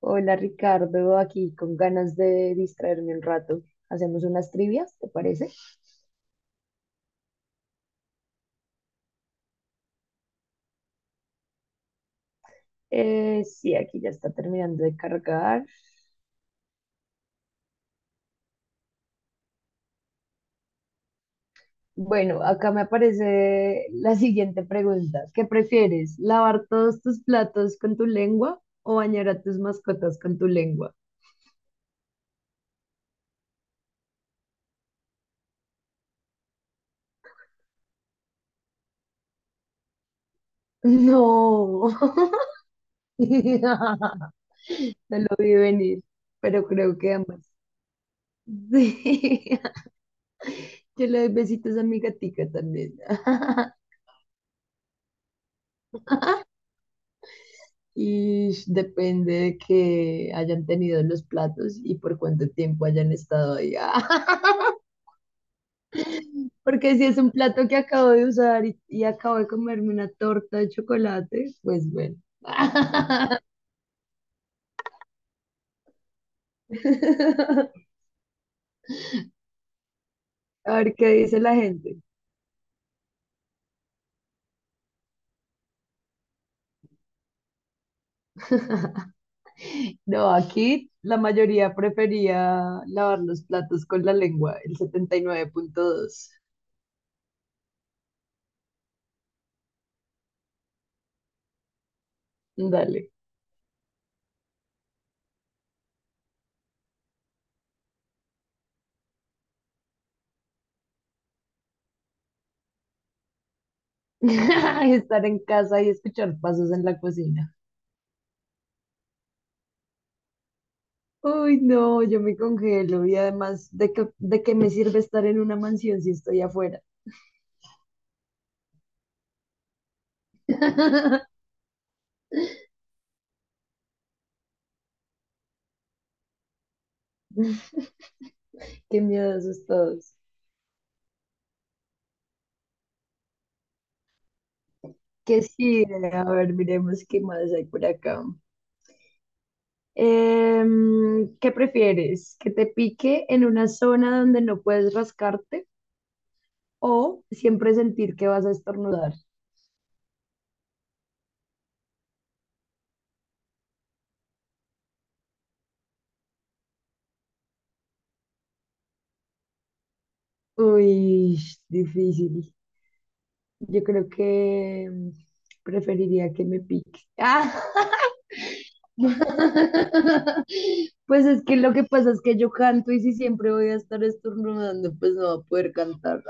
Hola Ricardo, aquí con ganas de distraerme un rato. Hacemos unas trivias, ¿te parece? Sí, aquí ya está terminando de cargar. Bueno, acá me aparece la siguiente pregunta. ¿Qué prefieres? ¿Lavar todos tus platos con tu lengua o bañar a tus mascotas con tu lengua? No, no lo vi venir, pero creo que ambas. Sí, yo le doy besitos a mi gatica también. Y depende de que hayan tenido los platos y por cuánto tiempo hayan estado ahí. Porque si es un plato que acabo de usar y acabo de comerme una torta de chocolate, pues bueno. A ver qué dice la gente. No, aquí la mayoría prefería lavar los platos con la lengua, el 79.2. Dale. Estar en casa y escuchar pasos en la cocina. Uy, no, yo me congelo y además, ¿de qué me sirve estar en una mansión si estoy afuera? Qué miedo asustados. Que sí, a ver, miremos qué más hay por acá. ¿Qué prefieres? ¿Que te pique en una zona donde no puedes rascarte o siempre sentir que vas a estornudar? Uy, difícil. Yo creo que preferiría que me pique. Ah, pues es que lo que pasa es que yo canto y si siempre voy a estar estornudando, pues no va a poder cantar.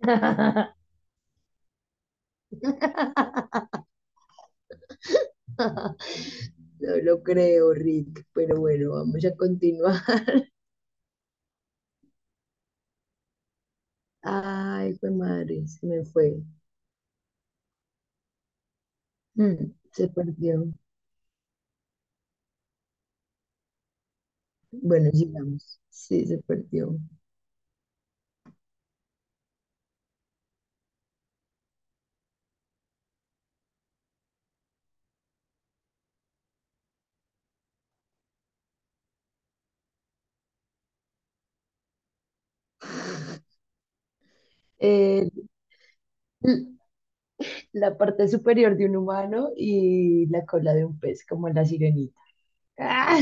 No lo creo, Rick, pero bueno, vamos a continuar. Ay, fue madre, se me fue. Se perdió. Bueno, sigamos. Sí, se perdió. Eh, mm, la parte superior de un humano y la cola de un pez, como la sirenita. Ah.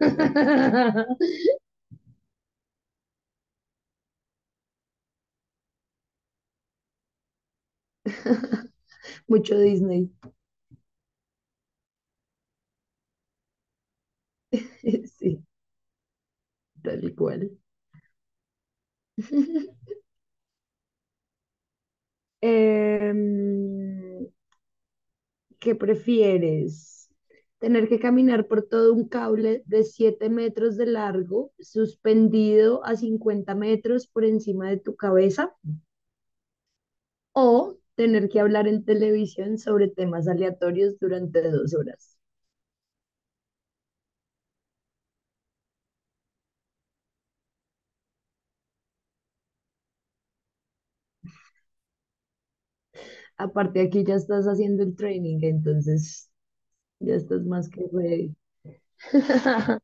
Mucho Disney. Sí, tal y cual. Em, ¿Qué prefieres? ¿Tener que caminar por todo un cable de 7 metros de largo, suspendido a 50 metros por encima de tu cabeza? ¿O tener que hablar en televisión sobre temas aleatorios durante 2 horas? Aparte, aquí ya estás haciendo el training, entonces ya estás más que ready.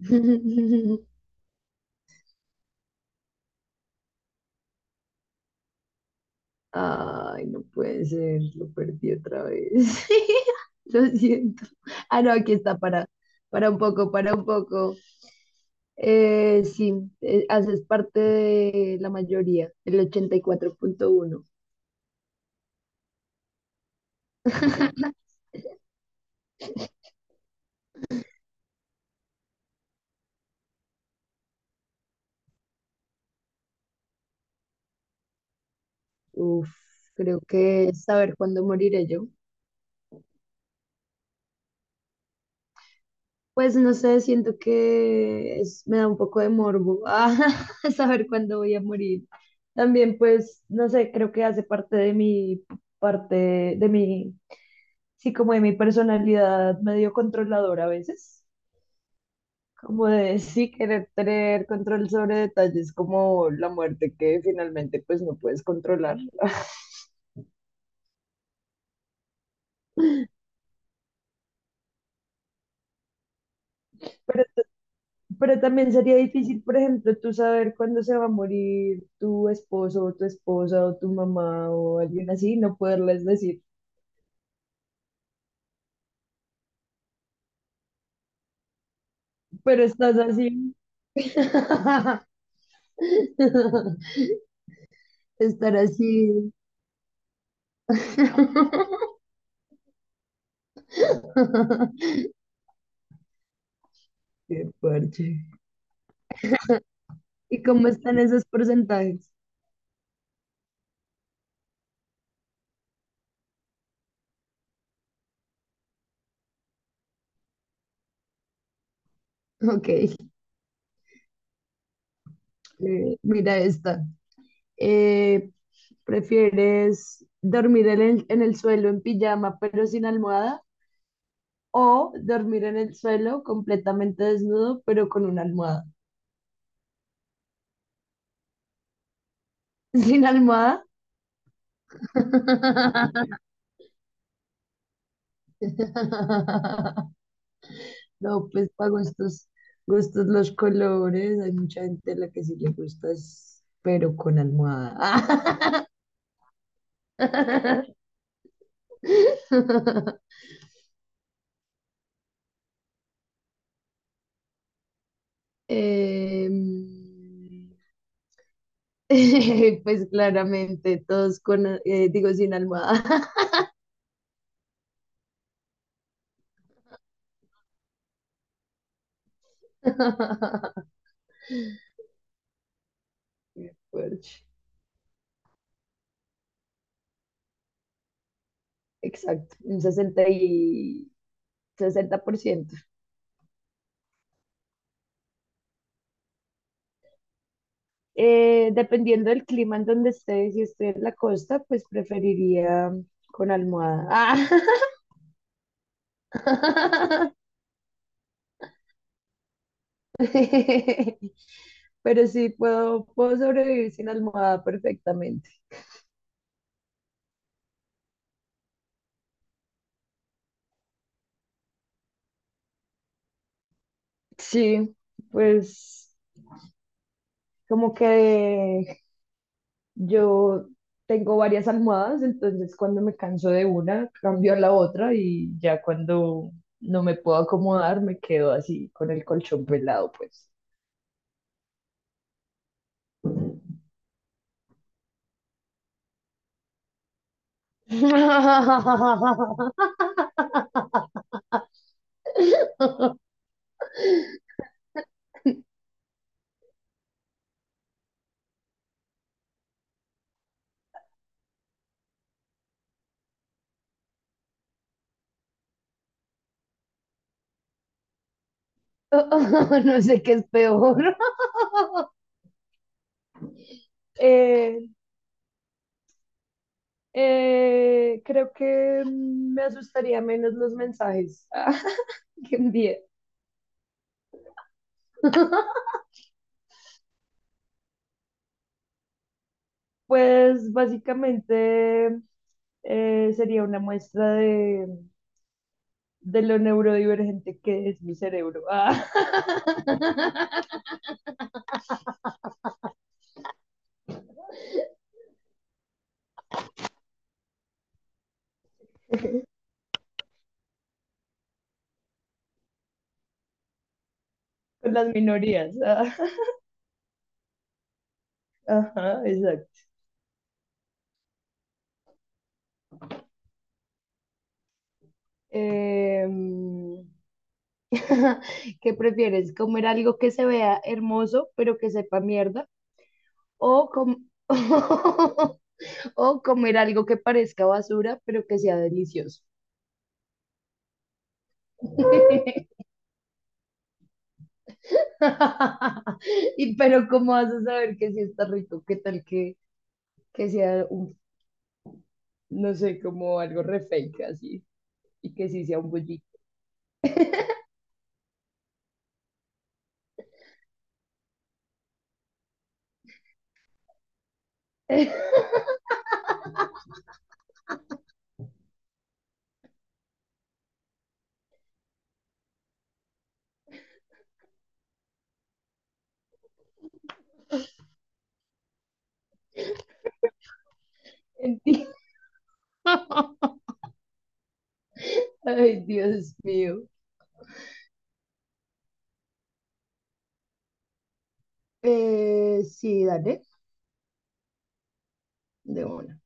Ay, no puede ser, lo perdí otra vez. Lo siento. Ah, no, aquí está, para un poco, para un poco. Sí, haces parte de la mayoría, el 84.1. Uf, creo que es saber cuándo moriré yo. Pues no sé, siento que me da un poco de morbo ah, saber cuándo voy a morir. También, pues, no sé, creo que hace parte, de mi, sí, como de mi personalidad medio controladora a veces, como de sí querer tener control sobre detalles como la muerte que finalmente pues no puedes controlar. Pero también sería difícil, por ejemplo, tú saber cuándo se va a morir tu esposo o tu esposa o tu mamá o alguien así, no poderles decir, pero estás así. Estar así. Qué fuerte. ¿Y cómo están esos porcentajes? Ok, mira esta. Eh, ¿Prefieres dormir en el suelo en pijama pero sin almohada? O dormir en el suelo completamente desnudo, pero con una almohada. Sin almohada, no, pues para gustos, gustos los colores. Hay mucha gente a la que sí le gusta, pero con almohada. Em, pues claramente, todos con, digo, sin almohada. Qué fuerte. Exacto, un 60 y... 60%. Dependiendo del clima en donde esté, si estoy en la costa, pues preferiría con almohada. Ah. Pero sí, puedo sobrevivir sin almohada perfectamente. Sí, pues como que yo tengo varias almohadas, entonces cuando me canso de una, cambio a la otra y ya cuando no me puedo acomodar, me quedo así con el colchón pelado, pues. No sé qué es peor. Eh, creo que me asustaría menos los mensajes que envié. Pues básicamente sería una muestra de lo neurodivergente que es mi cerebro. Ah, con las minorías. Ah, ajá, exacto. Em, ¿Qué prefieres? ¿Comer algo que se vea hermoso pero que sepa mierda? ¿O, com- o comer algo que parezca basura pero que sea delicioso? Y pero ¿cómo vas a saber que sí está rico? ¿Qué tal que sea un, no sé, como algo re fake así? Y que sí sea un bullito. Enti- Ay, Dios mío. Sí, dale, de una.